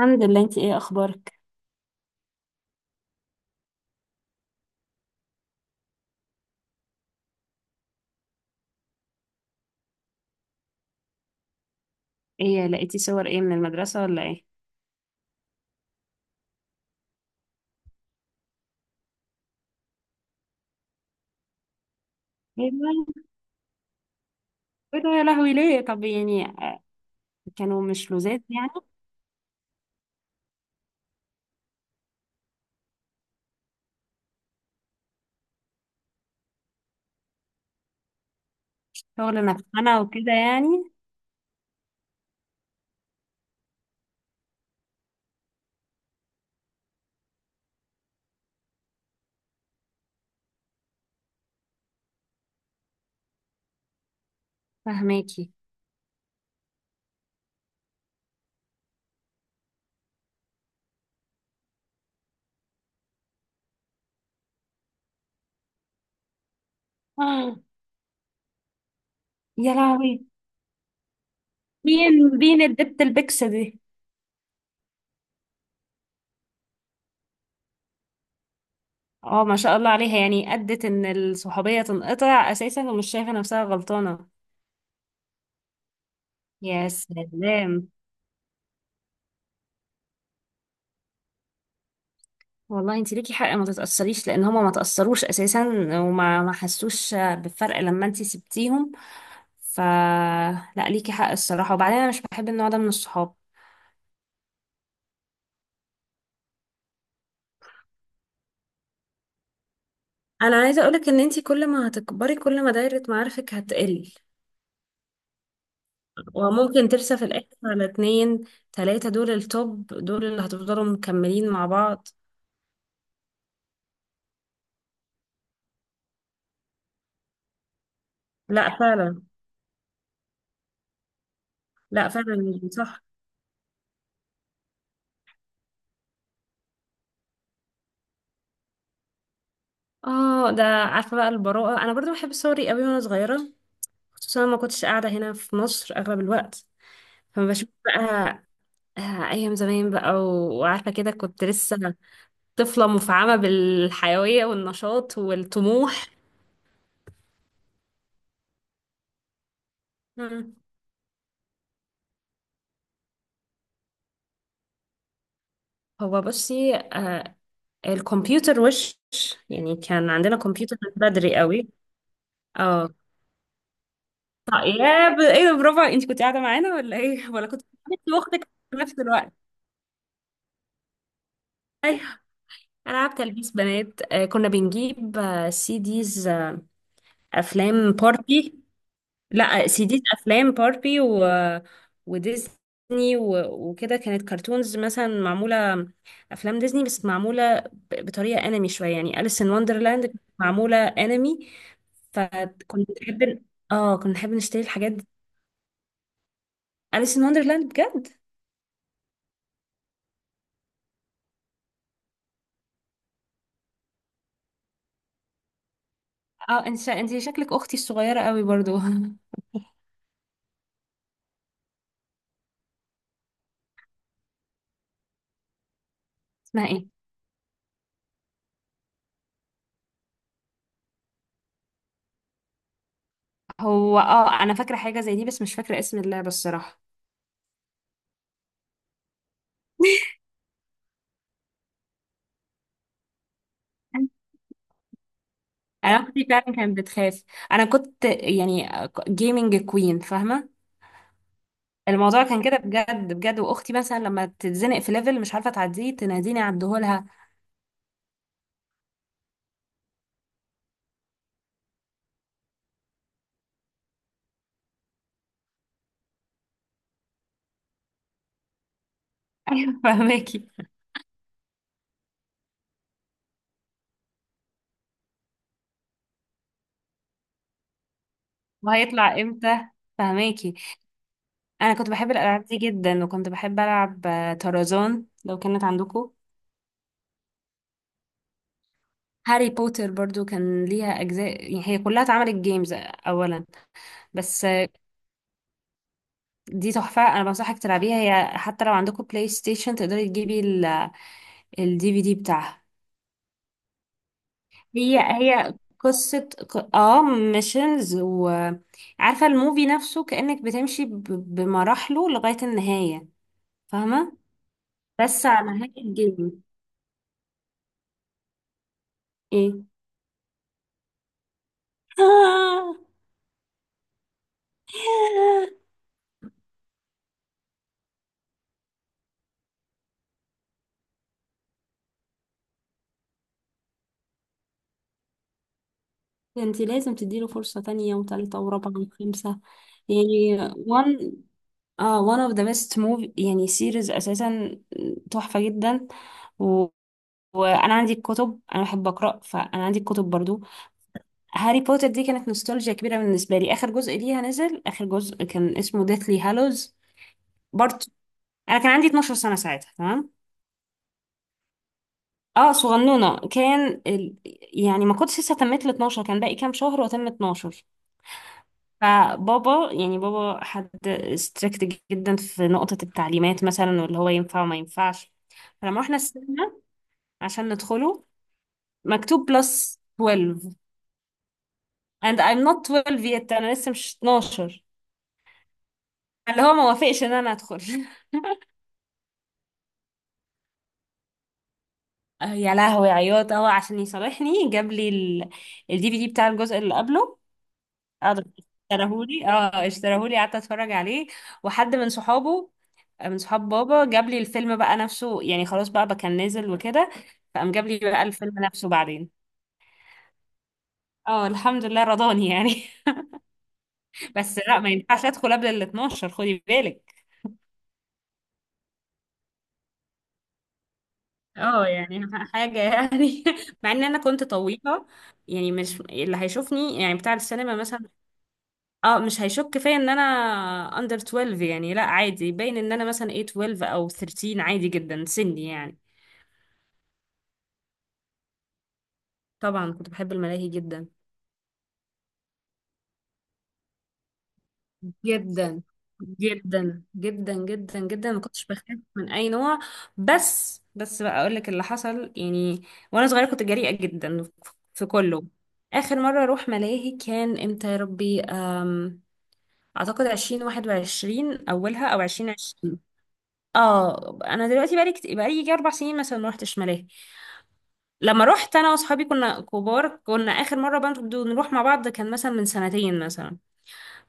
الحمد لله، انتي ايه اخبارك؟ ايه لقيتي صور ايه من المدرسة ولا ايه؟ ايه ده؟ ايه ده يا لهوي؟ ليه طب يعني، كانوا مش لوزات يعني؟ شغل نفسنا وكده يعني. فهماكي. آه، يا لهوي. مين؟ مين الدبت البكس دي؟ اه ما شاء الله عليها، يعني ادت ان الصحوبية تنقطع اساسا ومش شايفة نفسها غلطانة. يا سلام. والله انت ليكي حق، ما تتأثريش لان هما ما تأثروش اساسا وما ما حسوش بالفرق لما انت سبتيهم. ف لا ليكي حق الصراحة، وبعدين انا مش بحب النوع ده من الصحاب. انا عايزه اقولك ان انتي كل ما هتكبري كل ما دايره معارفك هتقل، وممكن ترسى في الاخر على اتنين تلاته، دول التوب دول اللي هتفضلوا مكملين مع بعض. لا فعلا. لا فعلا مش صح. اه، ده عارفه بقى البراءه، انا برضو بحب صوري قوي وانا صغيره. خصوصا ما كنتش قاعده هنا في مصر اغلب الوقت، فما بشوف بقى آه، ايام زمان بقى وعارفه كده كنت لسه طفلة مفعمة بالحيوية والنشاط والطموح. مم. هو بصي، الكمبيوتر وش، يعني كان عندنا كمبيوتر من بدري قوي. اه. طيب يا ايه ده، برافو، انت كنت قاعدة معانا ولا ايه، ولا كنت قاعدة واختك في نفس الوقت؟ ايوه. العاب تلبيس بنات، كنا بنجيب سي ديز، افلام باربي. لا سيديز افلام باربي و... وديزني و... وكده كانت كرتونز مثلا معموله افلام ديزني، بس معموله بطريقه انمي شويه، يعني اليس ان وندرلاند كانت معموله انمي. فكنت نحب، اه كنا نحب نشتري الحاجات دي. اليس ان وندرلاند بجد. اه، انت انت شكلك اختي الصغيره قوي برضو. اسمها ايه؟ هو اه، انا فاكره حاجه زي دي بس مش فاكره اسم اللعبه الصراحه. انا اختي فعلا كانت بتخاف، انا كنت يعني جيمنج كوين، فاهمه؟ الموضوع كان كده بجد بجد. واختي مثلا لما تتزنق في ليفل مش عارفه تعديه تناديني عدهولها. ايوه فهماكي. وهيطلع امتى، فهماكي. انا كنت بحب الالعاب دي جدا، وكنت بحب العب طرزان لو كانت عندكم. هاري بوتر برضو كان ليها اجزاء، يعني هي كلها اتعملت جيمز اولا. بس دي تحفه، انا بنصحك تلعبيها، هي حتى لو عندكم بلاي ستيشن تقدري تجيبي الدي في دي بتاعها. هي هي قصة اه ميشنز، وعارفة الموفي نفسه كأنك بتمشي بمراحله لغاية النهاية. فاهمة. بس على نهاية الجيم. ايه؟ ده انتي لازم تديله فرصة تانية وتالتة ورابعة وخمسة. يعني one، اه one of the best movie يعني series اساسا، تحفة جدا. و... وانا عندي الكتب، انا بحب اقرا، فانا عندي الكتب برضو. هاري بوتر دي كانت نوستالجيا كبيرة بالنسبة لي. آخر جزء ليها نزل، آخر جزء كان اسمه ديثلي هالوز بارت. أنا كان عندي 12 سنة ساعتها، تمام. اه صغنونة. كان يعني ما كنتش لسه تميت ال 12، كان باقي كام شهر وأتم 12. فبابا، يعني بابا حد ستريكت جدا في نقطة التعليمات مثلا، واللي هو ينفع وما ينفعش. فلما رحنا السينما عشان ندخله، مكتوب بلس 12، and I'm not 12 yet، أنا لسه مش 12. اللي هو ما وافقش ان انا ادخل. يا لهوي، عياط اهو. عشان يصالحني جاب لي الدي في دي بتاع الجزء اللي قبله. قعد اشتراهولي، اه اشتراهولي، قعدت اتفرج عليه. وحد من صحابه، من صحاب بابا جاب لي الفيلم بقى نفسه، يعني خلاص بقى كان نازل وكده، فقام جاب لي بقى الفيلم نفسه بعدين. اه الحمد لله رضاني يعني. بس لا، ما ينفعش ادخل قبل ال 12، خدي بالك. اه يعني حاجة يعني، مع ان انا كنت طويلة، يعني مش اللي هيشوفني يعني بتاع السينما مثلا اه مش هيشك فيا ان انا اندر 12 يعني. لا عادي، باين ان انا مثلا ايه، 12 او 13، عادي جدا سني يعني. طبعا كنت بحب الملاهي جدا جدا جدا جدا جدا جدا، ما كنتش بخاف من اي نوع. بس بقى اقول لك اللي حصل يعني، وانا صغيره كنت جريئه جدا في كله. اخر مره اروح ملاهي كان امتى يا ربي؟ اعتقد 2021 اولها او 2020. اه انا دلوقتي بقالي بقالي يجي اربع سنين مثلا ما رحتش ملاهي. لما رحت انا واصحابي كنا كبار، كنا اخر مره بقى نروح مع بعض كان مثلا من سنتين مثلا.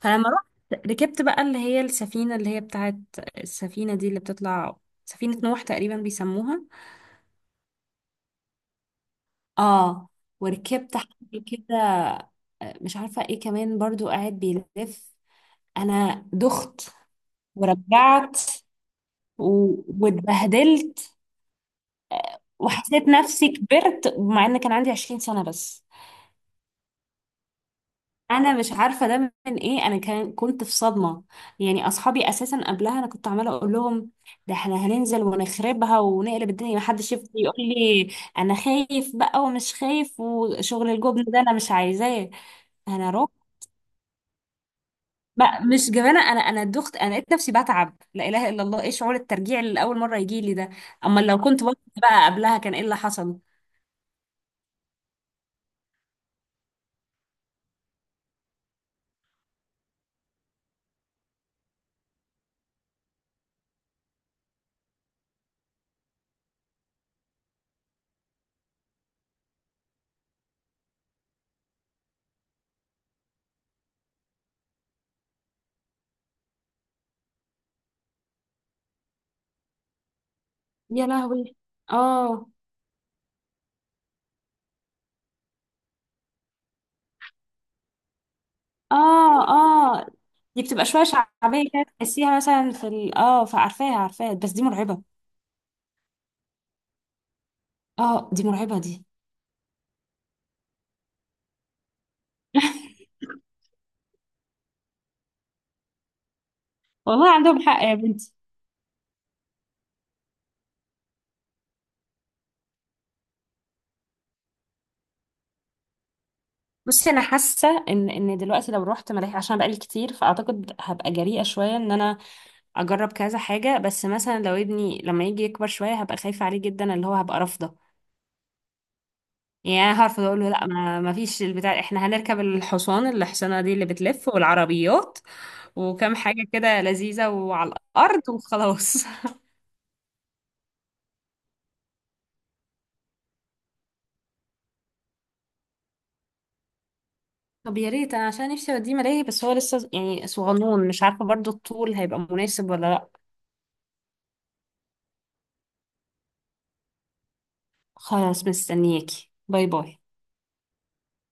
فلما رحت ركبت بقى اللي هي السفينه، اللي هي بتاعت السفينه دي اللي بتطلع، سفينه نوح تقريبا بيسموها. اه وركبت حد كده مش عارفه ايه، كمان برضو قاعد بيلف، انا دخت ورجعت و... واتبهدلت. وحسيت نفسي كبرت، مع ان كان عندي 20 سنه بس. انا مش عارفه ده من ايه، انا كنت في صدمه. يعني اصحابي اساسا قبلها انا كنت عماله اقول لهم ده احنا هننزل ونخربها ونقلب الدنيا، محدش يفضل يقول لي انا خايف بقى ومش خايف وشغل الجبن ده انا مش عايزاه. انا رحت بقى، مش جبانه انا دخت، انا لقيت نفسي بتعب، لا اله الا الله، ايه شعور الترجيع اللي اول مره يجي لي ده؟ اما لو كنت بطلت بقى قبلها كان ايه اللي حصل. يا لهوي. اه. اه اه دي بتبقى شويه شعبيه كده، تحسيها مثلا في اه فعارفاها عارفاها، بس دي مرعبه. اه دي مرعبه دي. والله عندهم حق يا بنتي. بصي انا حاسه ان دلوقتي لو رحت ملاهي عشان بقالي كتير، فاعتقد هبقى جريئه شويه ان انا اجرب كذا حاجه. بس مثلا لو ابني لما يجي يكبر شويه هبقى خايفه عليه جدا، اللي هو هبقى رافضه. يعني انا هعرف اقول له لا، ما فيش البتاع، احنا هنركب الحصان، الحصانه دي اللي بتلف، والعربيات وكم حاجه كده لذيذه وعلى الارض وخلاص. طب يا ريت، انا عشان نفسي اوديه ملاهي، بس هو لسه يعني صغنون مش عارفه برضو الطول هيبقى مناسب ولا لا. خلاص مستنياكي، باي باي.